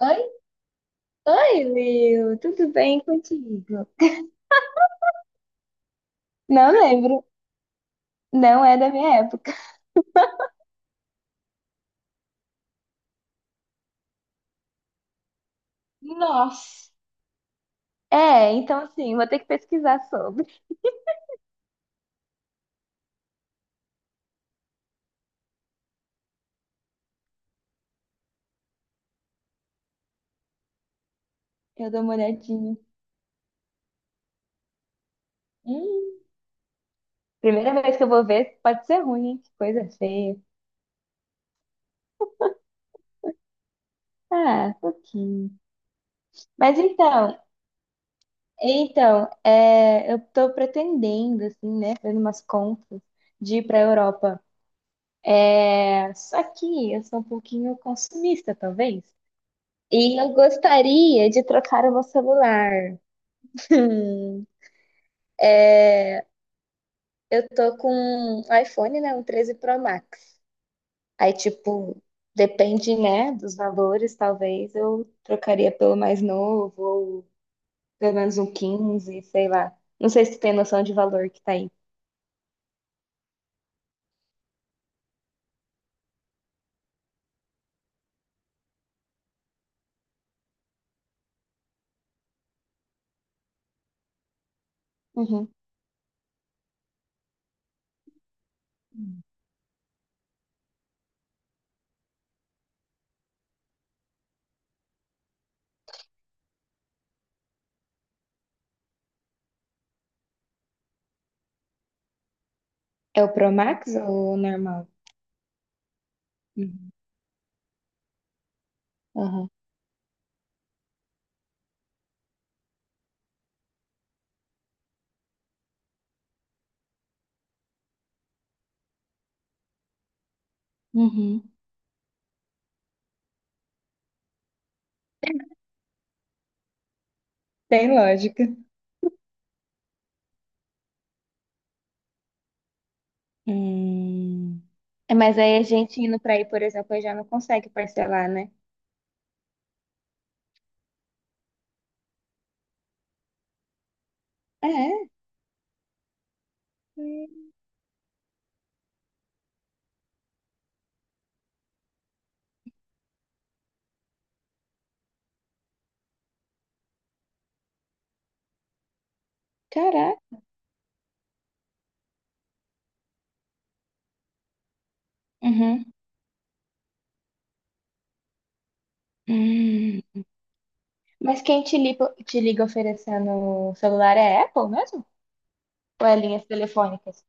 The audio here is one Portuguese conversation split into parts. Oi? Oi, Will, tudo bem contigo? Não lembro, não é da minha época. Nossa, é, então assim, vou ter que pesquisar sobre. Eu dou uma olhadinha. Hum, primeira vez que eu vou ver, pode ser ruim, hein? Que coisa feia. Ah, um pouquinho. Mas então, é, eu tô pretendendo, assim, né, fazendo umas contas de ir pra Europa. É, só que eu sou um pouquinho consumista, talvez. E eu gostaria de trocar o meu celular. Hum. Eu tô com um iPhone, né? Um 13 Pro Max. Aí, tipo, depende, né, dos valores, talvez eu trocaria pelo mais novo, ou pelo menos um 15, sei lá. Não sei se tu tem noção de valor que tá aí. Uhum. É o Pro Max ou o normal? Uhum. Aham. Uhum. Tem lógica. Hum. É, mas aí a gente indo pra aí, por exemplo, aí já não consegue parcelar, né? É. Hum. Caraca. Uhum. Hum. Mas quem te liga oferecendo o celular é a Apple mesmo? Ou é linhas telefônicas?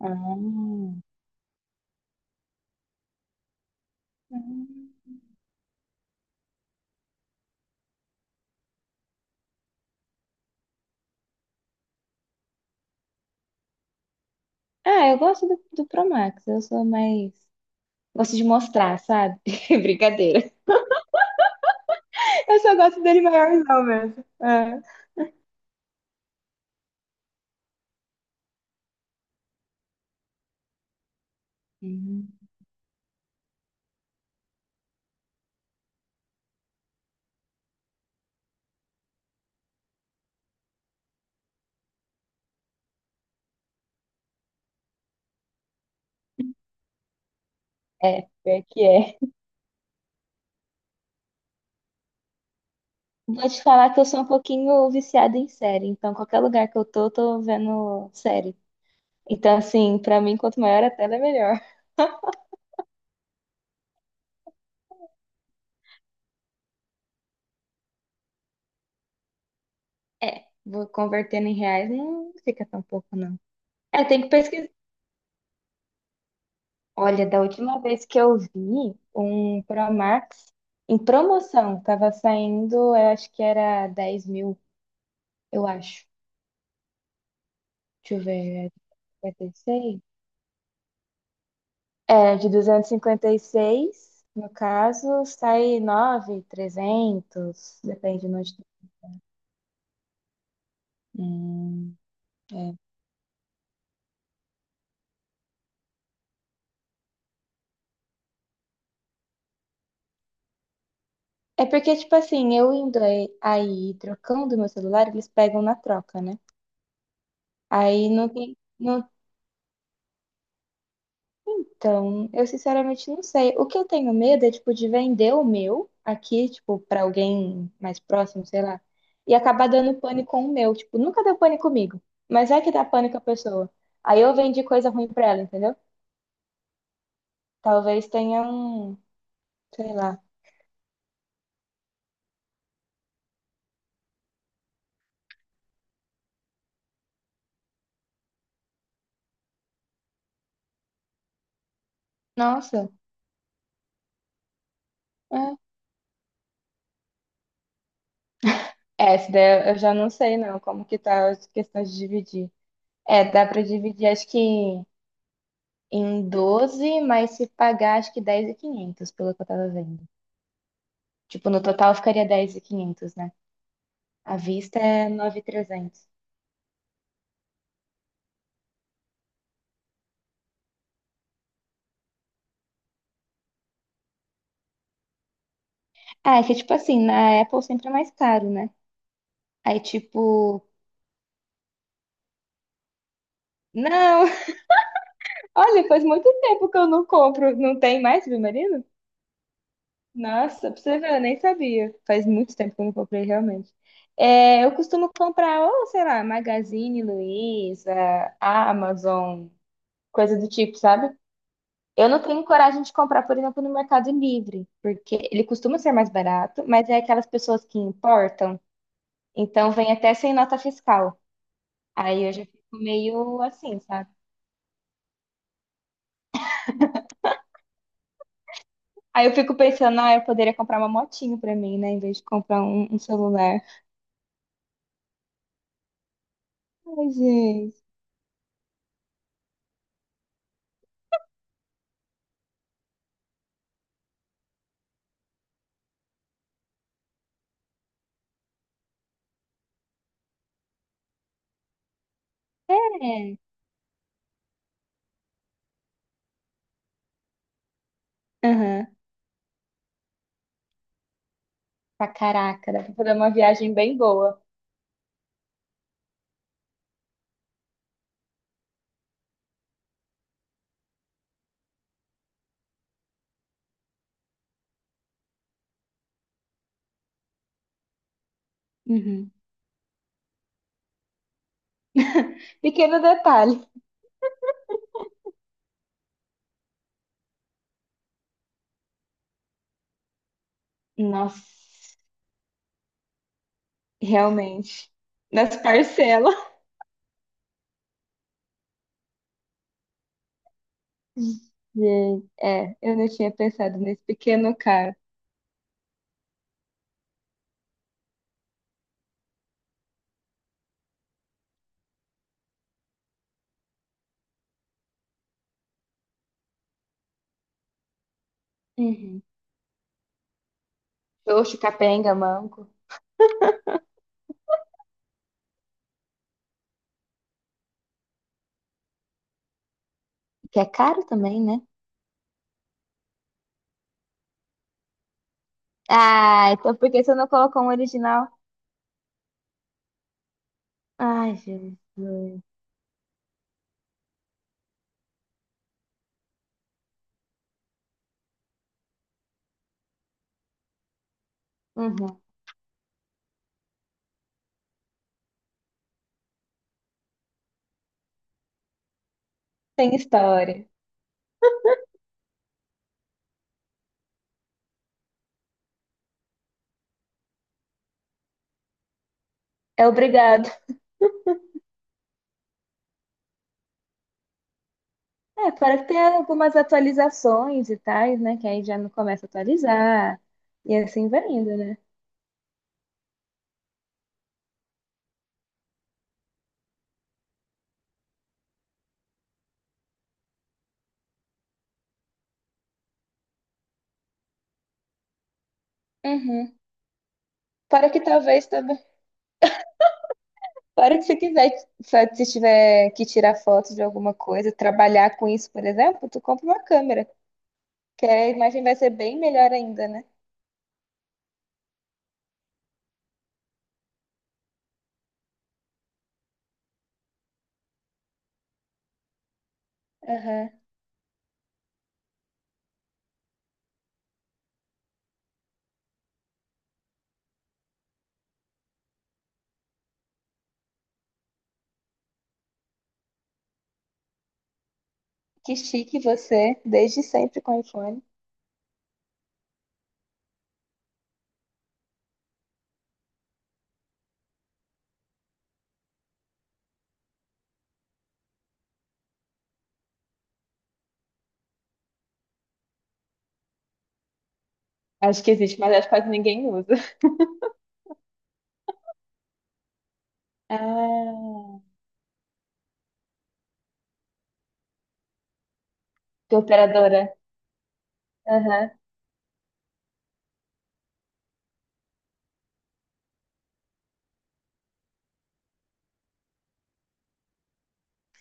Ah. Hum. Ah, eu gosto do Pro Max. Eu sou mais. Gosto de mostrar, sabe? Brincadeira. Eu só gosto dele maiorzão mesmo. Ah. Hum. É, pior que é. Vou te falar que eu sou um pouquinho viciada em série. Então, qualquer lugar que eu tô vendo série. Então, assim, pra mim, quanto maior a tela, é melhor. É, vou convertendo em reais não fica tão pouco, não. É, tem que pesquisar. Olha, da última vez que eu vi um Pro Max em promoção, tava saindo, eu acho que era 10 mil, eu acho. Deixa eu ver, é de 56. É, de 256, no caso, sai 9.300, depende de onde. Tu- hum, é. É porque, tipo assim, eu indo aí trocando meu celular, eles pegam na troca, né? Aí não tem. Não. Então, eu sinceramente não sei. O que eu tenho medo é, tipo, de vender o meu aqui, tipo, pra alguém mais próximo, sei lá, e acabar dando pane com o meu. Tipo, nunca deu pane comigo, mas é que dá pane com a pessoa. Aí eu vendi coisa ruim pra ela, entendeu? Talvez tenha um, sei lá. Nossa, é. É, essa daí eu já não sei, não, como que tá as questões de dividir. É, dá pra dividir, acho que em 12, mas se pagar, acho que 10.500, pelo que eu tava vendo. Tipo, no total ficaria 10.500, né? À vista é 9.300. Ah, é que tipo assim, na Apple sempre é mais caro, né? Aí tipo, não. Olha, faz muito tempo que eu não compro, não tem mais submarino? Nossa, pra você ver, eu nem sabia. Faz muito tempo que eu não comprei realmente. É, eu costumo comprar, ou sei lá, Magazine Luiza, Amazon, coisa do tipo, sabe? Eu não tenho coragem de comprar, por exemplo, no Mercado Livre, porque ele costuma ser mais barato, mas é aquelas pessoas que importam, então vem até sem nota fiscal. Aí eu já fico meio assim, sabe? Aí eu fico pensando, ah, eu poderia comprar uma motinho pra mim, né, em vez de comprar um celular. Ai, gente. É. Aham. Pra caraca, dá pra fazer uma viagem bem boa. Uhum. Pequeno detalhe. Nossa, realmente. Nas parcelas. Gente, é, eu não tinha pensado nesse pequeno cara. Uhum. Xoxo, capenga, manco. Que é caro também, né? Ah, então por que você não colocou um original? Ai, Jesus. Uhum. Tem história. É obrigado. É, para ter algumas atualizações e tais, né? Que aí já não começa a atualizar. E assim vai indo, né? Uhum. Para que talvez também. Para que se quiser, só se tiver que tirar foto de alguma coisa, trabalhar com isso, por exemplo, tu compra uma câmera. Que a imagem vai ser bem melhor ainda, né? Aham. Que chique você, desde sempre com iPhone. Acho que existe, mas acho que quase ninguém usa. Ah. De operadora. Aham.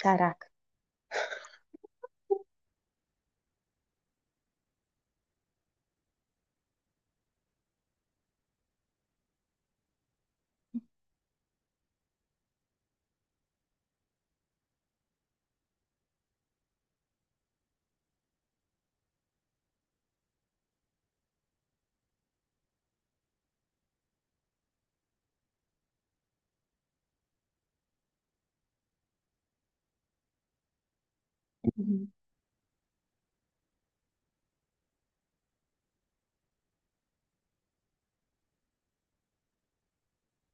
Caraca. Uhum.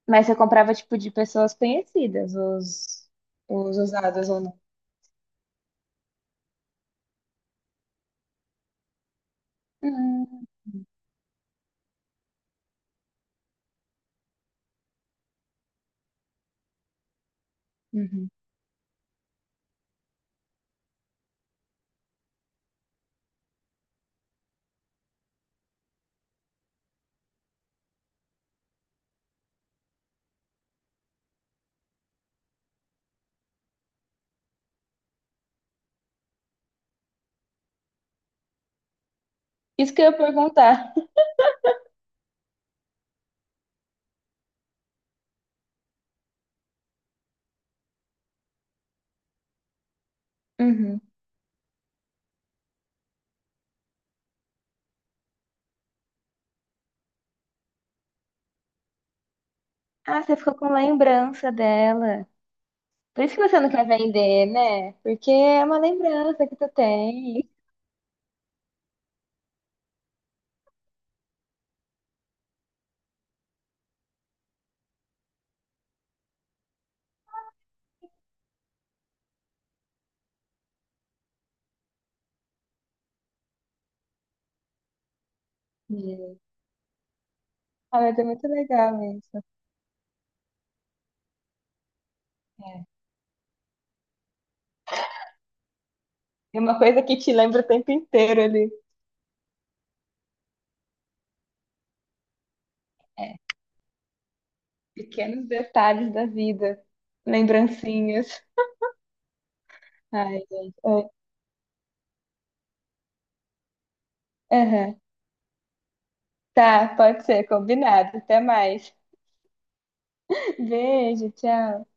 Mas você comprava, tipo, de pessoas conhecidas, os usados ou não. Hum, uhum. Isso que eu ia perguntar. Uhum. Ah, você ficou com lembrança dela. Por isso que você não quer vender, né? Porque é uma lembrança que tu tem. Hum. Ah, mas é muito legal isso. É uma coisa que te lembra o tempo inteiro ali. É. Pequenos detalhes da vida. Lembrancinhas. Ai, gente. É. Aham. Tá, pode ser, combinado. Até mais. Beijo, tchau.